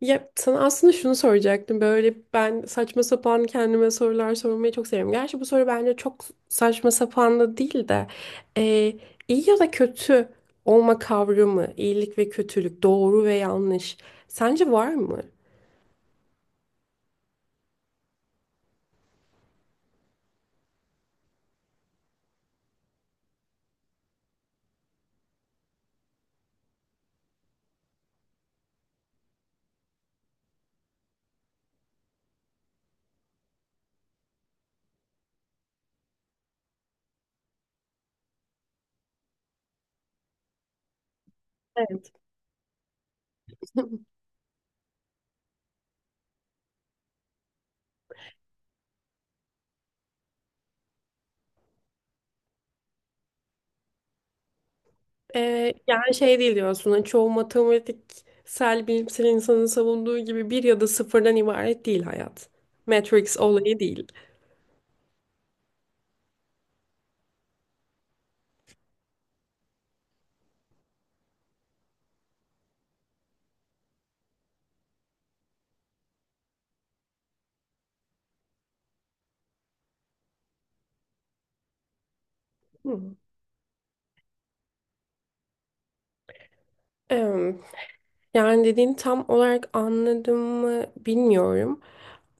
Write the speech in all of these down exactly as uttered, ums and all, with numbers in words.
Ya sana aslında şunu soracaktım. Böyle ben saçma sapan kendime sorular sormayı çok seviyorum. Gerçi bu soru bence çok saçma sapan da değil de e, iyi ya da kötü olma kavramı, iyilik ve kötülük, doğru ve yanlış. Sence var mı? Evet. E, yani şey değil diyorsun. hani çoğu matematiksel bilimsel insanın savunduğu gibi bir ya da sıfırdan ibaret değil hayat. Matrix olayı değil. Hı. Yani dediğini tam olarak anladım mı bilmiyorum.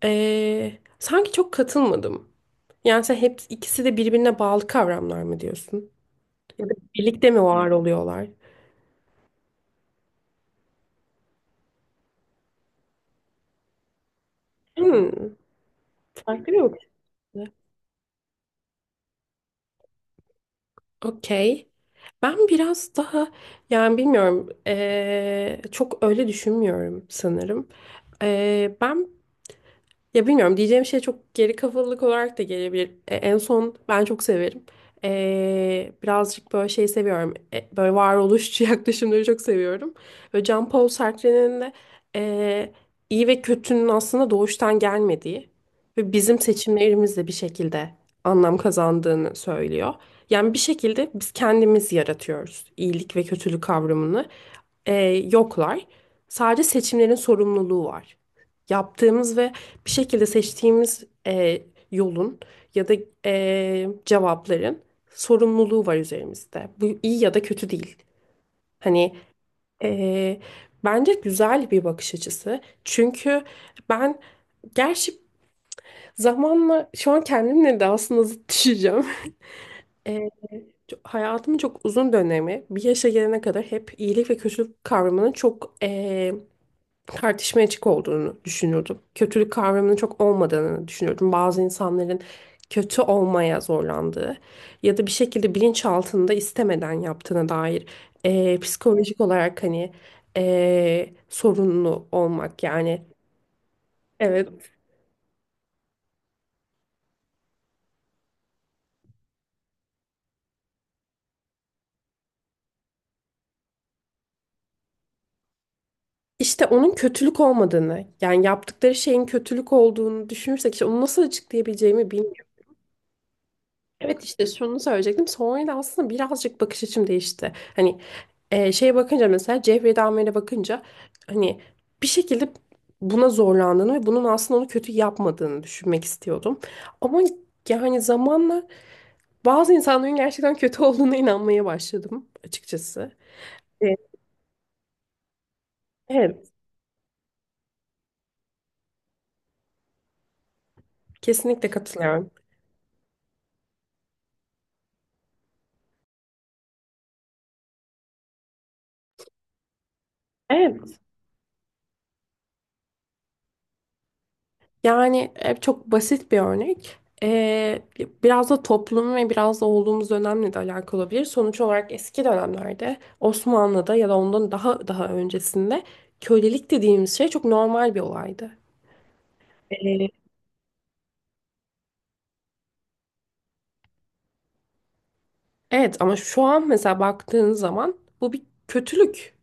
Ee, sanki çok katılmadım. Yani sen hep ikisi de birbirine bağlı kavramlar mı diyorsun? Ya da birlikte mi var oluyorlar? Hmm, farklı bir bakış açısı. Okey. Ben biraz daha, yani bilmiyorum, ee, çok öyle düşünmüyorum sanırım. Ee, ben Ya, bilmiyorum diyeceğim şey çok geri kafalılık olarak da gelebilir. E, en son ben çok severim. E, birazcık böyle şey seviyorum. E, böyle varoluşçu yaklaşımları çok seviyorum. Böyle Jean-Paul Sartre'nin de e, iyi ve kötünün aslında doğuştan gelmediği ve bizim seçimlerimizle bir şekilde anlam kazandığını söylüyor. Yani bir şekilde biz kendimiz yaratıyoruz iyilik ve kötülük kavramını, e, yoklar. Sadece seçimlerin sorumluluğu var. Yaptığımız ve bir şekilde seçtiğimiz e, yolun ya da e, cevapların sorumluluğu var üzerimizde. Bu iyi ya da kötü değil. Hani e, bence güzel bir bakış açısı. Çünkü ben, gerçi zamanla şu an kendimle de aslında zıt düşeceğim. E, ço- Hayatımın çok uzun dönemi bir yaşa gelene kadar hep iyilik ve kötülük kavramının çok tartışmaya açık olduğunu düşünüyordum. Kötülük kavramının çok olmadığını düşünüyordum. Bazı insanların kötü olmaya zorlandığı ya da bir şekilde bilinçaltında istemeden yaptığına dair, eee, psikolojik olarak, hani, eee, sorunlu olmak yani. Evet, işte onun kötülük olmadığını, yani yaptıkları şeyin kötülük olduğunu düşünürsek, işte onu nasıl açıklayabileceğimi bilmiyorum. Evet, işte şunu söyleyecektim. Sonra da aslında birazcık bakış açım değişti. Hani, Ee, şeye bakınca, mesela Cevriye Damir'e bakınca, hani, bir şekilde buna zorlandığını ve bunun aslında onu kötü yapmadığını düşünmek istiyordum. Ama yani zamanla bazı insanların gerçekten kötü olduğuna inanmaya başladım açıkçası. Evet, evet, kesinlikle katılıyorum. Evet. Yani e, çok basit bir örnek. E, biraz da toplum ve biraz da olduğumuz dönemle de alakalı olabilir. Sonuç olarak eski dönemlerde Osmanlı'da ya da ondan daha daha öncesinde kölelik dediğimiz şey çok normal bir olaydı. Ee, Evet, ama şu an mesela baktığın zaman bu bir kötülük.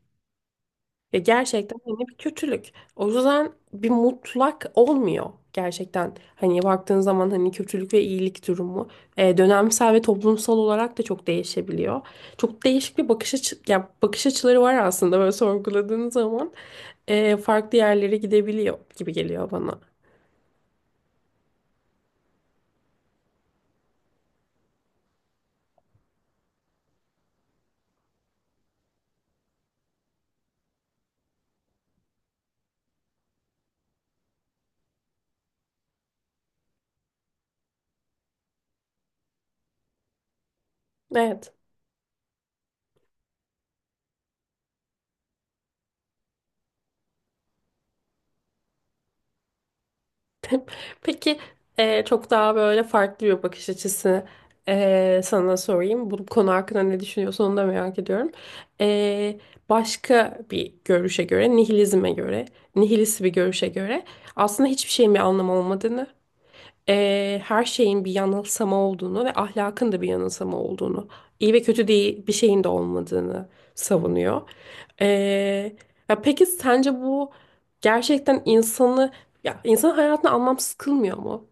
Ya gerçekten, hani, bir kötülük. O yüzden bir mutlak olmuyor gerçekten. Hani baktığın zaman, hani, kötülük ve iyilik durumu e, dönemsel ve toplumsal olarak da çok değişebiliyor. Çok değişik bir bakış açı, ya, bakış açıları var aslında böyle sorguladığın zaman, e, farklı yerlere gidebiliyor gibi geliyor bana. Evet. Peki, e, çok daha böyle farklı bir bakış açısı, e, sana sorayım. Bu konu hakkında ne düşünüyorsun, onu da merak ediyorum. E, başka bir görüşe göre, nihilizme göre, nihilist bir görüşe göre aslında hiçbir şeyin bir anlamı olmadığını, eee, her şeyin bir yanılsama olduğunu ve ahlakın da bir yanılsama olduğunu, iyi ve kötü değil bir şeyin de olmadığını savunuyor. Eee, ya peki sence bu gerçekten insanı, ya insanın hayatını anlamsız kılmıyor mu?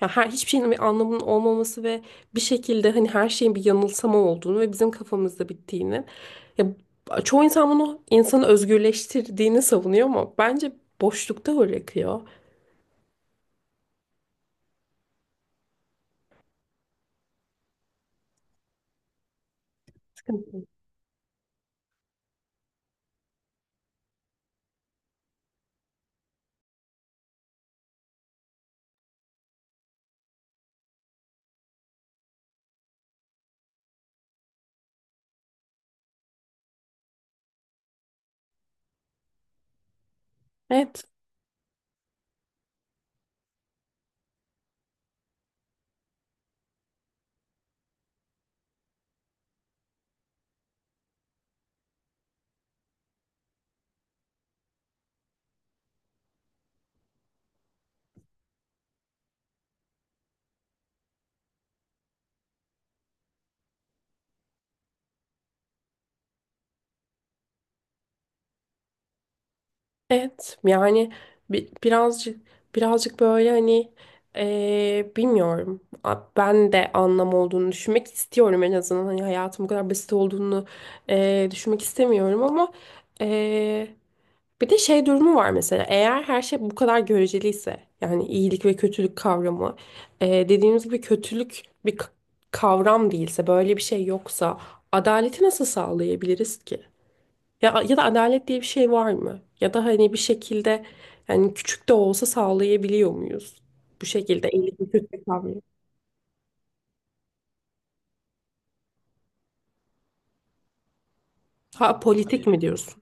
Ya her, hiçbir şeyin bir anlamının olmaması ve bir şekilde, hani, her şeyin bir yanılsama olduğunu ve bizim kafamızda bittiğini. Ya çoğu insan bunu insanı özgürleştirdiğini savunuyor ama bence boşlukta bırakıyor. Sıkıntı. Evet. Evet, yani bi- birazcık birazcık böyle, hani, eee, bilmiyorum, A- ben de anlam olduğunu düşünmek istiyorum, en azından hani hayatım bu kadar basit olduğunu, eee, düşünmek istemiyorum, ama eee, bir de şey durumu var, mesela eğer her şey bu kadar göreceliyse, yani iyilik ve kötülük kavramı, eee, dediğimiz gibi kötülük bir k- kavram değilse, böyle bir şey yoksa, adaleti nasıl sağlayabiliriz ki? Ya, ya da adalet diye bir şey var mı? Ya da hani bir şekilde, yani küçük de olsa sağlayabiliyor muyuz? Bu şekilde elini kötü kalmıyor. Ha, politik mi diyorsun?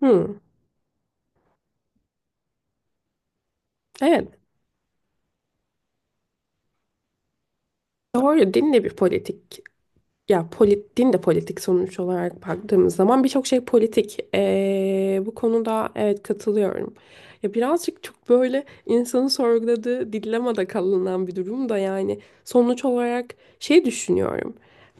Hmm, evet. Doğru, din de bir politik. Ya, polit, din de politik, sonuç olarak baktığımız zaman birçok şey politik. Ee, bu konuda evet, katılıyorum. Ya birazcık çok böyle insanın sorguladığı, dilemmada kalınan bir durum da, yani sonuç olarak şey düşünüyorum.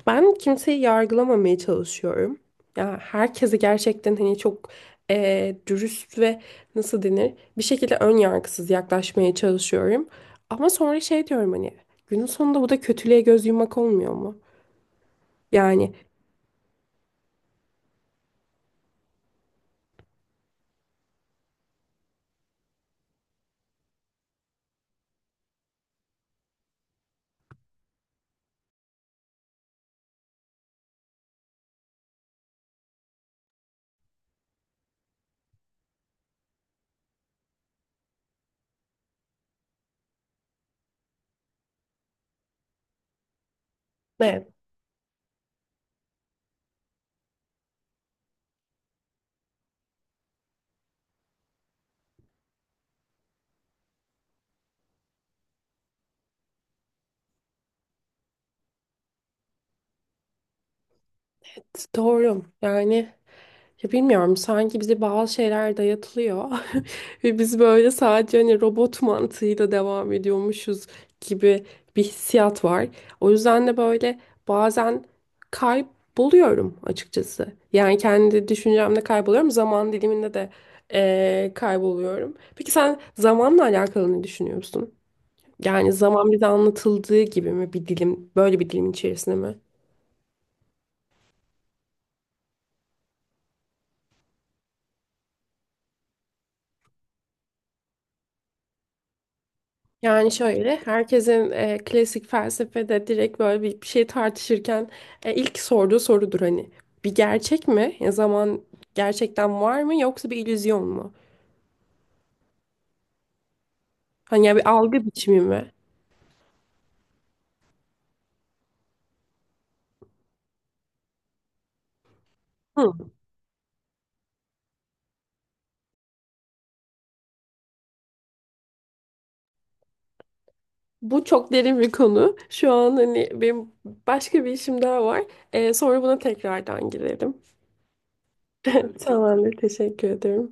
Ben kimseyi yargılamamaya çalışıyorum. Ya herkesi gerçekten, hani, çok ee, dürüst ve, nasıl denir, bir şekilde ön yargısız yaklaşmaya çalışıyorum. Ama sonra şey diyorum, hani, günün sonunda bu da kötülüğe göz yummak olmuyor mu? Yani, evet, evet, doğru. Yani ya bilmiyorum, sanki bize bazı şeyler dayatılıyor ve biz böyle sadece hani robot mantığıyla devam ediyormuşuz gibi bir hissiyat var. O yüzden de böyle bazen kayboluyorum açıkçası. Yani kendi düşüncemde kayboluyorum, zaman diliminde de eee, kayboluyorum. Peki sen zamanla alakalı ne düşünüyorsun? Yani zaman bize anlatıldığı gibi mi, bir dilim, böyle bir dilim içerisinde mi? Yani şöyle, herkesin e, klasik felsefede direkt böyle bir, bir şey tartışırken e, ilk sorduğu sorudur, hani bir gerçek mi? Ya zaman gerçekten var mı, yoksa bir illüzyon mu? Hani, ya bir algı biçimi mi? Hı. Bu çok derin bir konu. Şu an hani benim başka bir işim daha var. E, sonra buna tekrardan girelim. Tamamdır, teşekkür ederim.